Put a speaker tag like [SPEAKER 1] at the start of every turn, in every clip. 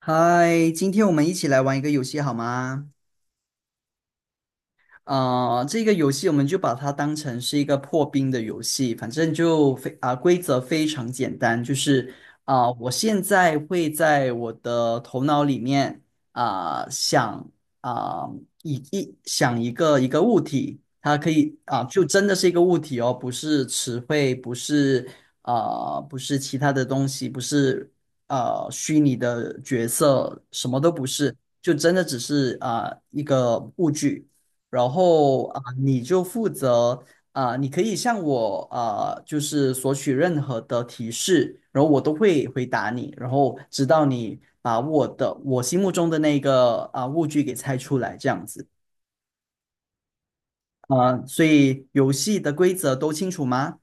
[SPEAKER 1] 嗨，今天我们一起来玩一个游戏好吗？这个游戏我们就把它当成是一个破冰的游戏，反正就非啊、规则非常简单，就是我现在会在我的头脑里面啊、想啊、想一个物体，它可以就真的是一个物体哦，不是词汇，不是其他的东西，不是虚拟的角色，什么都不是，就真的只是一个物具。然后你就负责，你可以向我就是索取任何的提示，然后我都会回答你，然后直到你把我心目中的那个物具给猜出来，这样子。所以游戏的规则都清楚吗？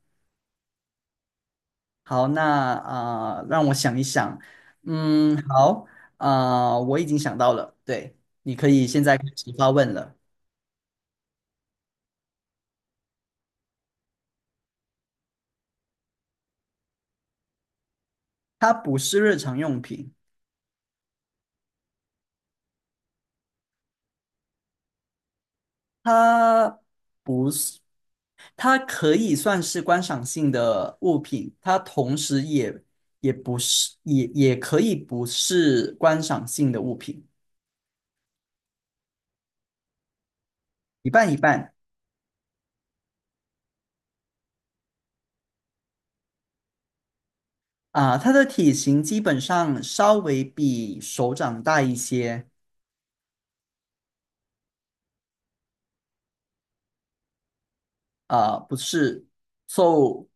[SPEAKER 1] 好，那让我想一想，嗯，好，我已经想到了，对，你可以现在开始发问了。它不是日常用品，它不是。它可以算是观赏性的物品，它同时也不是，也可以不是观赏性的物品，一半一半啊。它的体型基本上稍微比手掌大一些啊，不是，so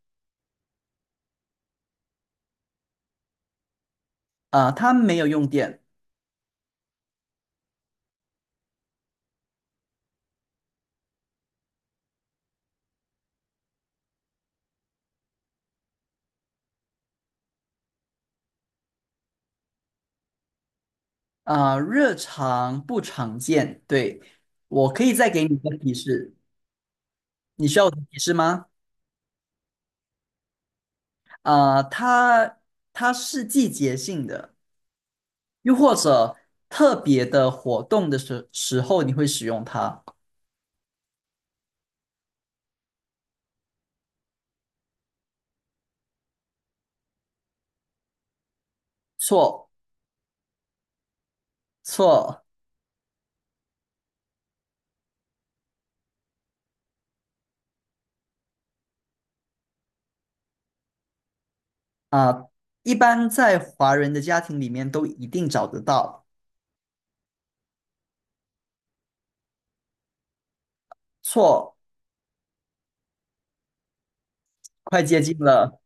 [SPEAKER 1] 它没有用电啊，热常不常见。对，我可以再给你一个提示，你需要我的提示吗？啊，它是季节性的。又或者特别的活动的时候，你会使用它。错错啊，一般在华人的家庭里面都一定找得到。错，快接近了。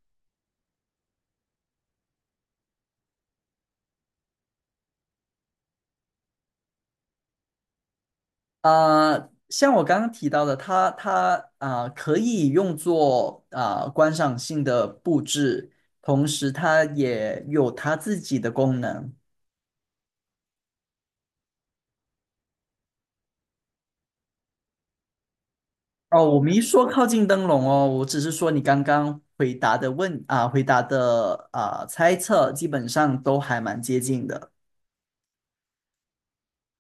[SPEAKER 1] 像我刚刚提到的，它可以用作观赏性的布置，同时它也有它自己的功能。哦，我没说靠近灯笼哦，我只是说你刚刚回答的猜测基本上都还蛮接近的，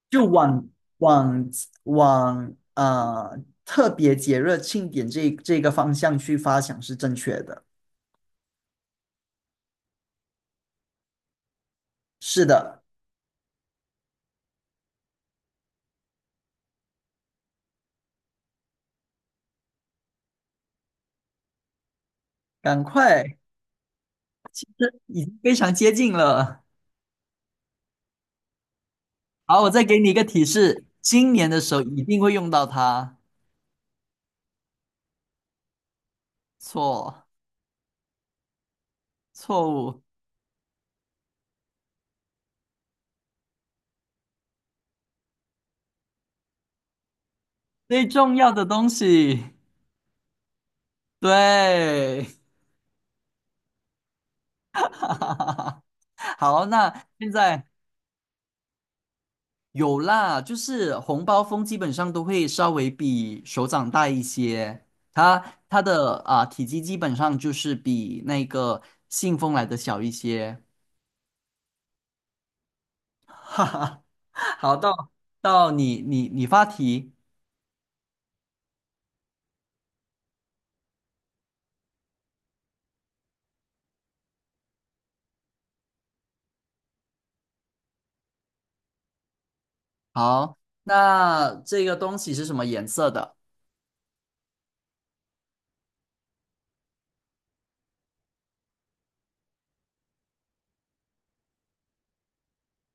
[SPEAKER 1] 就往往特别节日庆典这个方向去发想是正确的。是的，赶快，这已经非常接近了。好，我再给你一个提示，今年的时候一定会用到它。错，错误，最重要的东西，对。好，那现在有啦，就是红包风基本上都会稍微比手掌大一些，它的体积基本上就是比那个信封来的小一些。哈哈，好，到你发题，好，那这个东西是什么颜色的？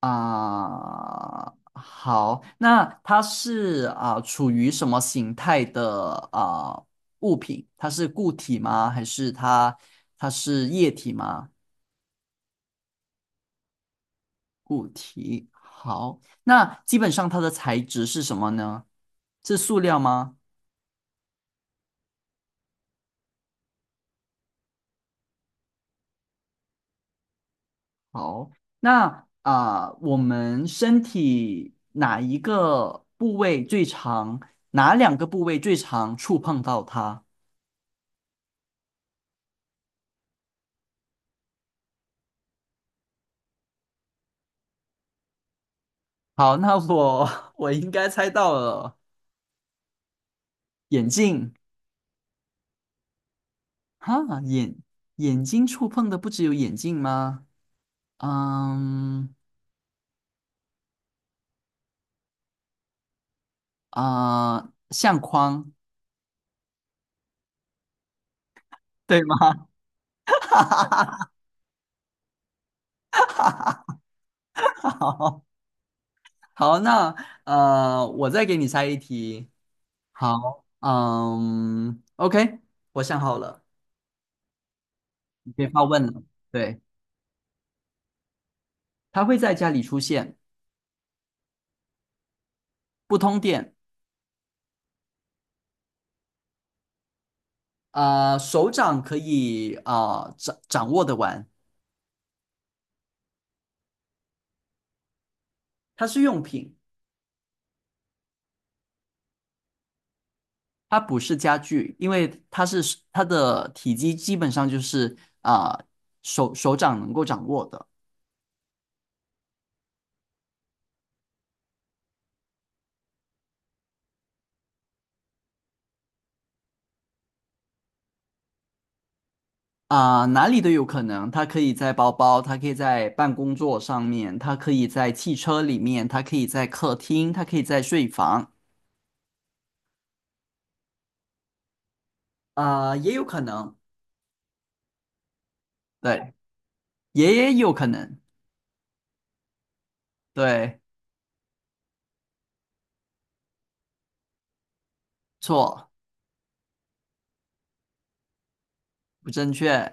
[SPEAKER 1] 好，那它是处于什么形态的物品？它是固体吗？还是它是液体吗？固体。好，那基本上它的材质是什么呢？是塑料吗？好，那我们身体哪一个部位最长？哪两个部位最长？触碰到它？好，那我 我应该猜到了。眼镜，哈，眼睛触碰的不只有眼镜吗？嗯相框，对吗？好，好，那我再给你猜一题。好，嗯，OK，我想好了，你可以发问了。对，它会在家里出现，不通电。手掌可以掌握的玩，它是用品。它不是家具，因为它的体积基本上就是手掌能够掌握的。哪里都有可能。它可以在包包，它可以在办公桌上面，它可以在汽车里面，它可以在客厅，它可以在睡房，啊，也有可能，对，也有可能，对，错，不正确，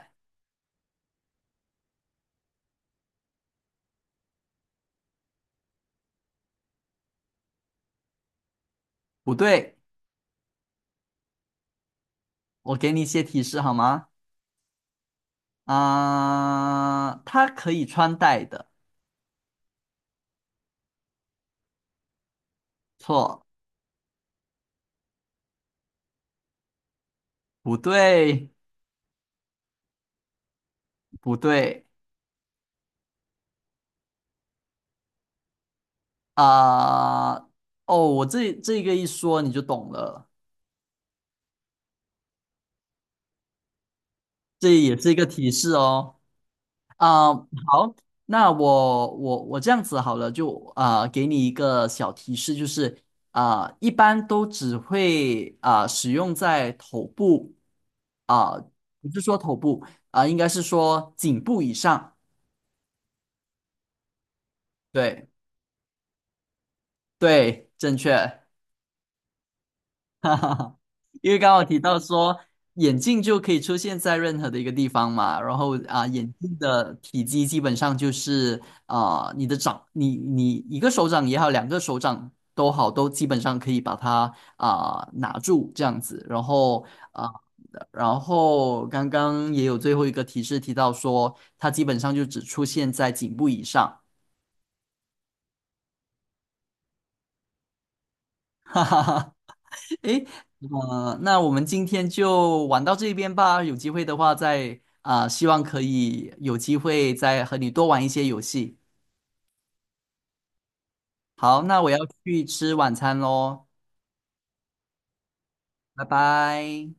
[SPEAKER 1] 不对，我给你一些提示好吗？它可以穿戴的，错，不对。不对啊、哦，我这个一说你就懂了，这也是一个提示哦。好，那我这样子好了，就给你一个小提示，就是一般都只会使用在头部，啊、不是说头部，应该是说颈部以上。对对，正确。哈哈哈，因为刚好提到说眼镜就可以出现在任何的一个地方嘛，然后眼镜的体积基本上就是你一个手掌也好，两个手掌都好，都基本上可以把它拿住这样子，然后啊。然后刚刚也有最后一个提示提到说，它基本上就只出现在颈部以上。诶，那我们今天就玩到这边吧。有机会的话再，希望可以有机会再和你多玩一些游戏。好，那我要去吃晚餐喽，拜拜。